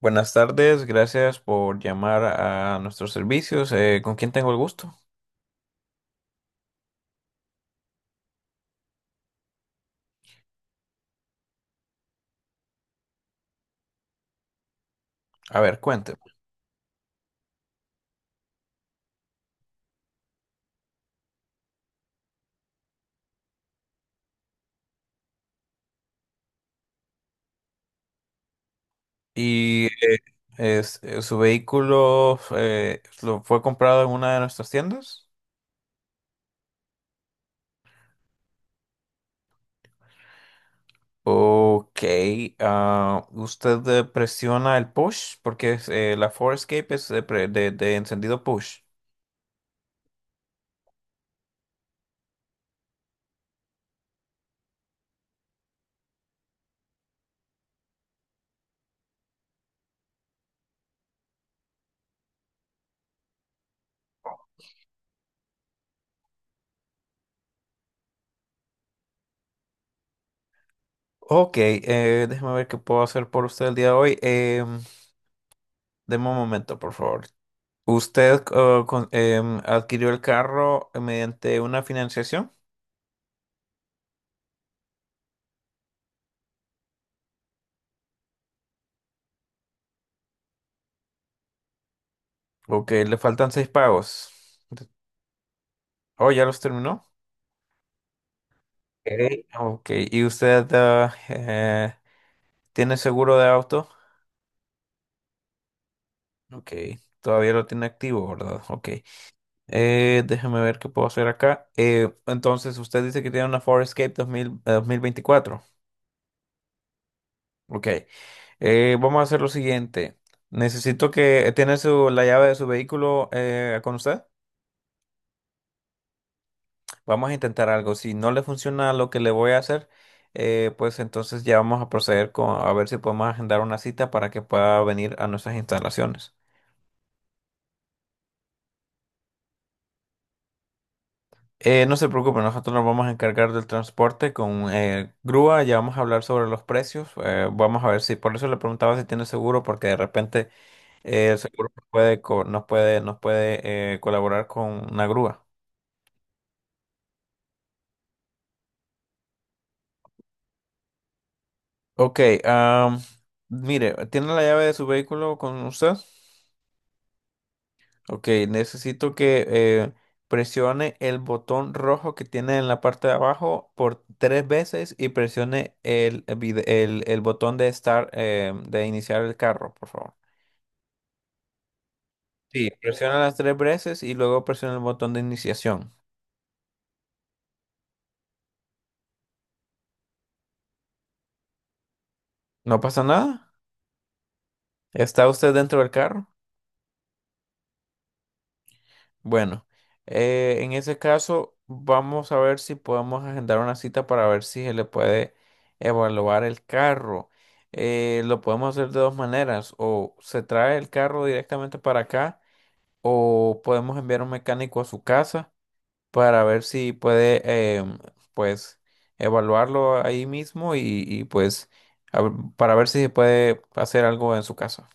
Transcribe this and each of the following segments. Buenas tardes, gracias por llamar a nuestros servicios. ¿Con quién tengo el gusto? A ver, cuénteme. ¿Y su vehículo lo fue comprado en una de nuestras tiendas? Ok, usted presiona el push porque la Forescape es de, de encendido push. Ok, déjeme ver qué puedo hacer por usted el día de hoy. Deme un momento, por favor. ¿Usted adquirió el carro mediante una financiación? Ok, le faltan seis pagos. Oh, ¿ya los terminó? Ok, ok. ¿Y usted tiene seguro de auto? Ok, todavía lo tiene activo, ¿verdad? Ok. Déjeme ver qué puedo hacer acá. Entonces, usted dice que tiene una Ford Escape 2000 2024. Ok, vamos a hacer lo siguiente. Necesito que... ¿Tiene la llave de su vehículo con usted? Vamos a intentar algo. Si no le funciona lo que le voy a hacer, pues entonces ya vamos a proceder con a ver si podemos agendar una cita para que pueda venir a nuestras instalaciones. No se preocupe, nosotros nos vamos a encargar del transporte con grúa. Ya vamos a hablar sobre los precios. Vamos a ver si, por eso le preguntaba si tiene seguro, porque de repente el seguro nos puede, nos puede colaborar con una grúa. Ok, am, mire, ¿tiene la llave de su vehículo con usted? Ok, necesito que presione el botón rojo que tiene en la parte de abajo por tres veces y presione el botón de start, de iniciar el carro, por favor. Sí, presiona las tres veces y luego presiona el botón de iniciación. ¿No pasa nada? ¿Está usted dentro del carro? Bueno, en ese caso vamos a ver si podemos agendar una cita para ver si se le puede evaluar el carro. Lo podemos hacer de dos maneras, o se trae el carro directamente para acá o podemos enviar un mecánico a su casa para ver si puede pues evaluarlo ahí mismo y pues para ver si se puede hacer algo en su casa.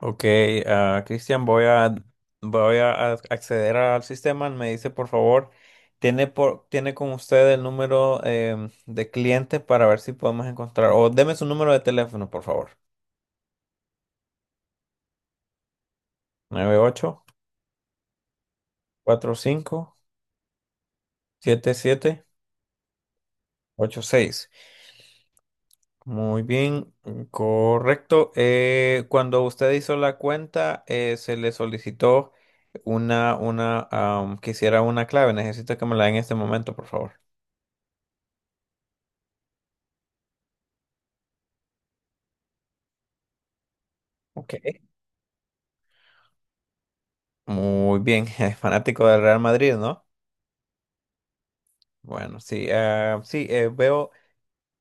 Ok, Cristian, voy a acceder al sistema. Me dice, por favor, tiene con usted el número de cliente para ver si podemos encontrar. O deme su número de teléfono, por favor. Nueve ocho ocho cuatro cinco siete siete ocho seis. Muy bien, mm, correcto. Cuando usted hizo la cuenta, se le solicitó que hiciera una clave. Necesito que me la dé en este momento, por favor. Ok. Muy bien, es fanático del Real Madrid, ¿no? Bueno, sí, ah, sí, veo,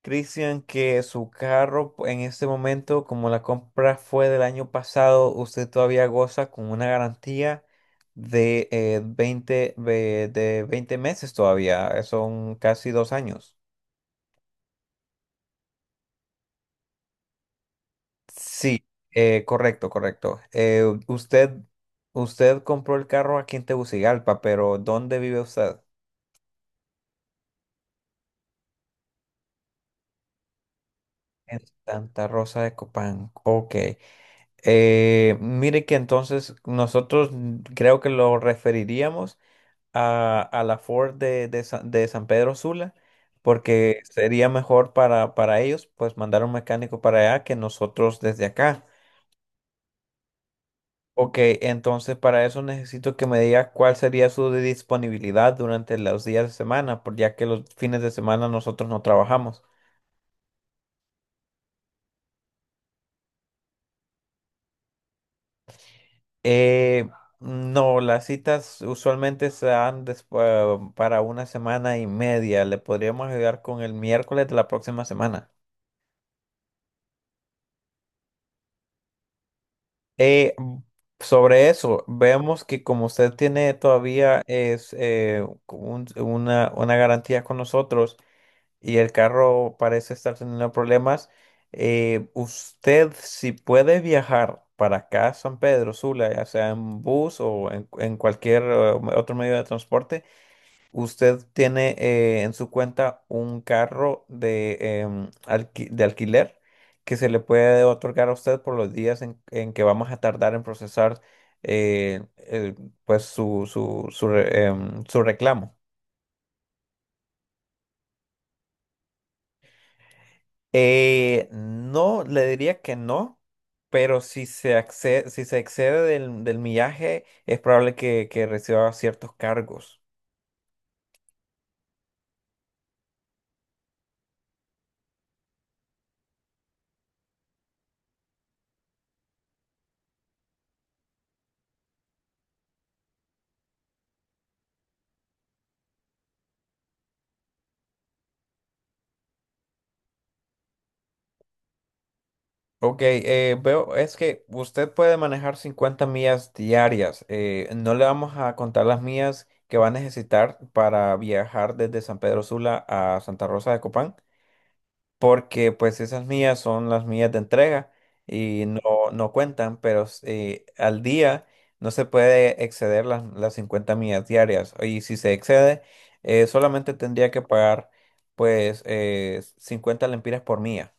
Cristian, que su carro en este momento, como la compra fue del año pasado, usted todavía goza con una garantía de 20 meses todavía. Son casi 2 años. Sí, correcto, correcto. Usted compró el carro aquí en Tegucigalpa, pero ¿dónde vive usted? En Santa Rosa de Copán. Ok. Mire que entonces nosotros, creo que lo referiríamos a la Ford de San Pedro Sula, porque sería mejor para ellos pues mandar un mecánico para allá que nosotros desde acá. Ok, entonces para eso necesito que me diga cuál sería su disponibilidad durante los días de semana, ya que los fines de semana nosotros no trabajamos. Eh, no, las citas usualmente para una semana y media. Le podríamos ayudar con el miércoles de la próxima semana. Eh, Sobre eso, vemos que como usted tiene todavía, una garantía con nosotros y el carro parece estar teniendo problemas, usted si puede viajar para acá a San Pedro Sula, ya sea en bus o en cualquier otro medio de transporte, usted tiene en su cuenta un carro de alquiler que se le puede otorgar a usted por los días en que vamos a tardar en procesar eh, el- pues su reclamo. No, le diría que no, pero si se excede del millaje, es probable que reciba ciertos cargos. Ok, veo, es que usted puede manejar 50 millas diarias. No le vamos a contar las millas que va a necesitar para viajar desde San Pedro Sula a Santa Rosa de Copán, porque pues esas millas son las millas de entrega y no, no cuentan, pero al día no se puede exceder las 50 millas diarias. Y si se excede, solamente tendría que pagar pues 50 lempiras por milla.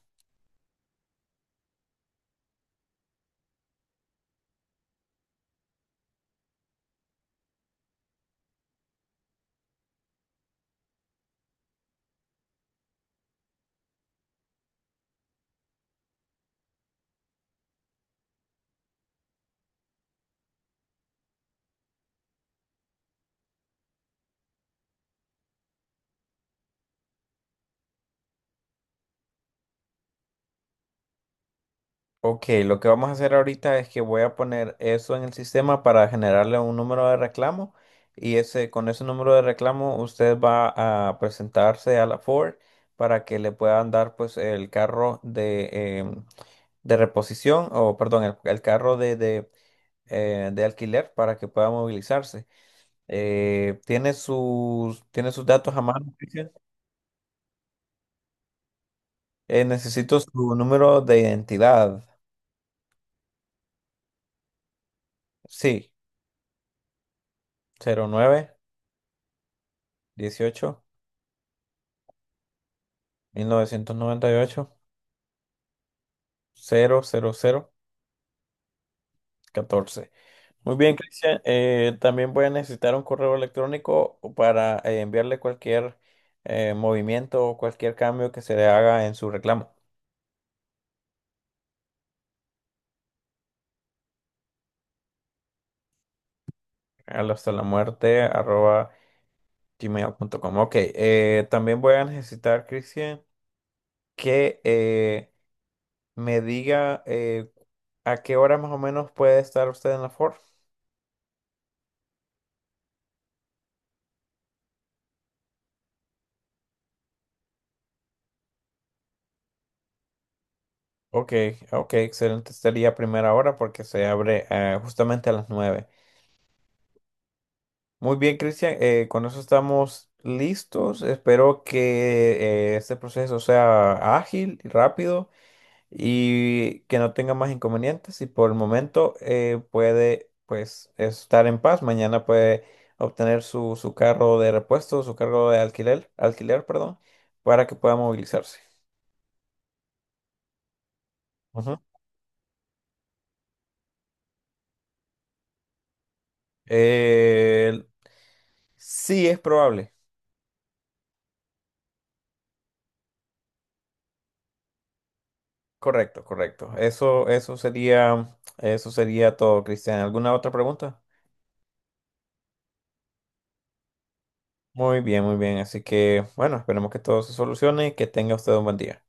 Ok, lo que vamos a hacer ahorita es que voy a poner eso en el sistema para generarle un número de reclamo, y ese, con ese número de reclamo usted va a presentarse a la Ford para que le puedan dar pues el carro em, de reposición o, perdón, el carro de alquiler para que pueda movilizarse. Tiene sus datos a mano, Cristian? Necesito su número de identidad. Sí, cero nueve dieciocho mil novecientos noventa y ocho cero cero cero catorce. Muy bien, Cristian. También voy a necesitar un correo electrónico para enviarle cualquier movimiento o cualquier cambio que se le haga en su reclamo. Al hastalamuerte@gmail.com. Ok, también voy a necesitar, Cristian, que me diga a qué hora más o menos puede estar usted en la Ford. Ok, ok, excelente. Estaría a primera hora porque se abre justamente a las 9. Muy bien, Cristian, con eso estamos listos. Espero que este proceso sea ágil y rápido y que no tenga más inconvenientes. Y por el momento puede pues estar en paz. Mañana puede obtener su carro de repuesto, su cargo de alquiler, alquiler, perdón, para que pueda movilizarse. Ujú. Eh, sí, es probable. Correcto, correcto. Eso sería todo, Cristian. ¿Alguna otra pregunta? Muy bien, muy bien. Así que, bueno, esperemos que todo se solucione y que tenga usted un buen día.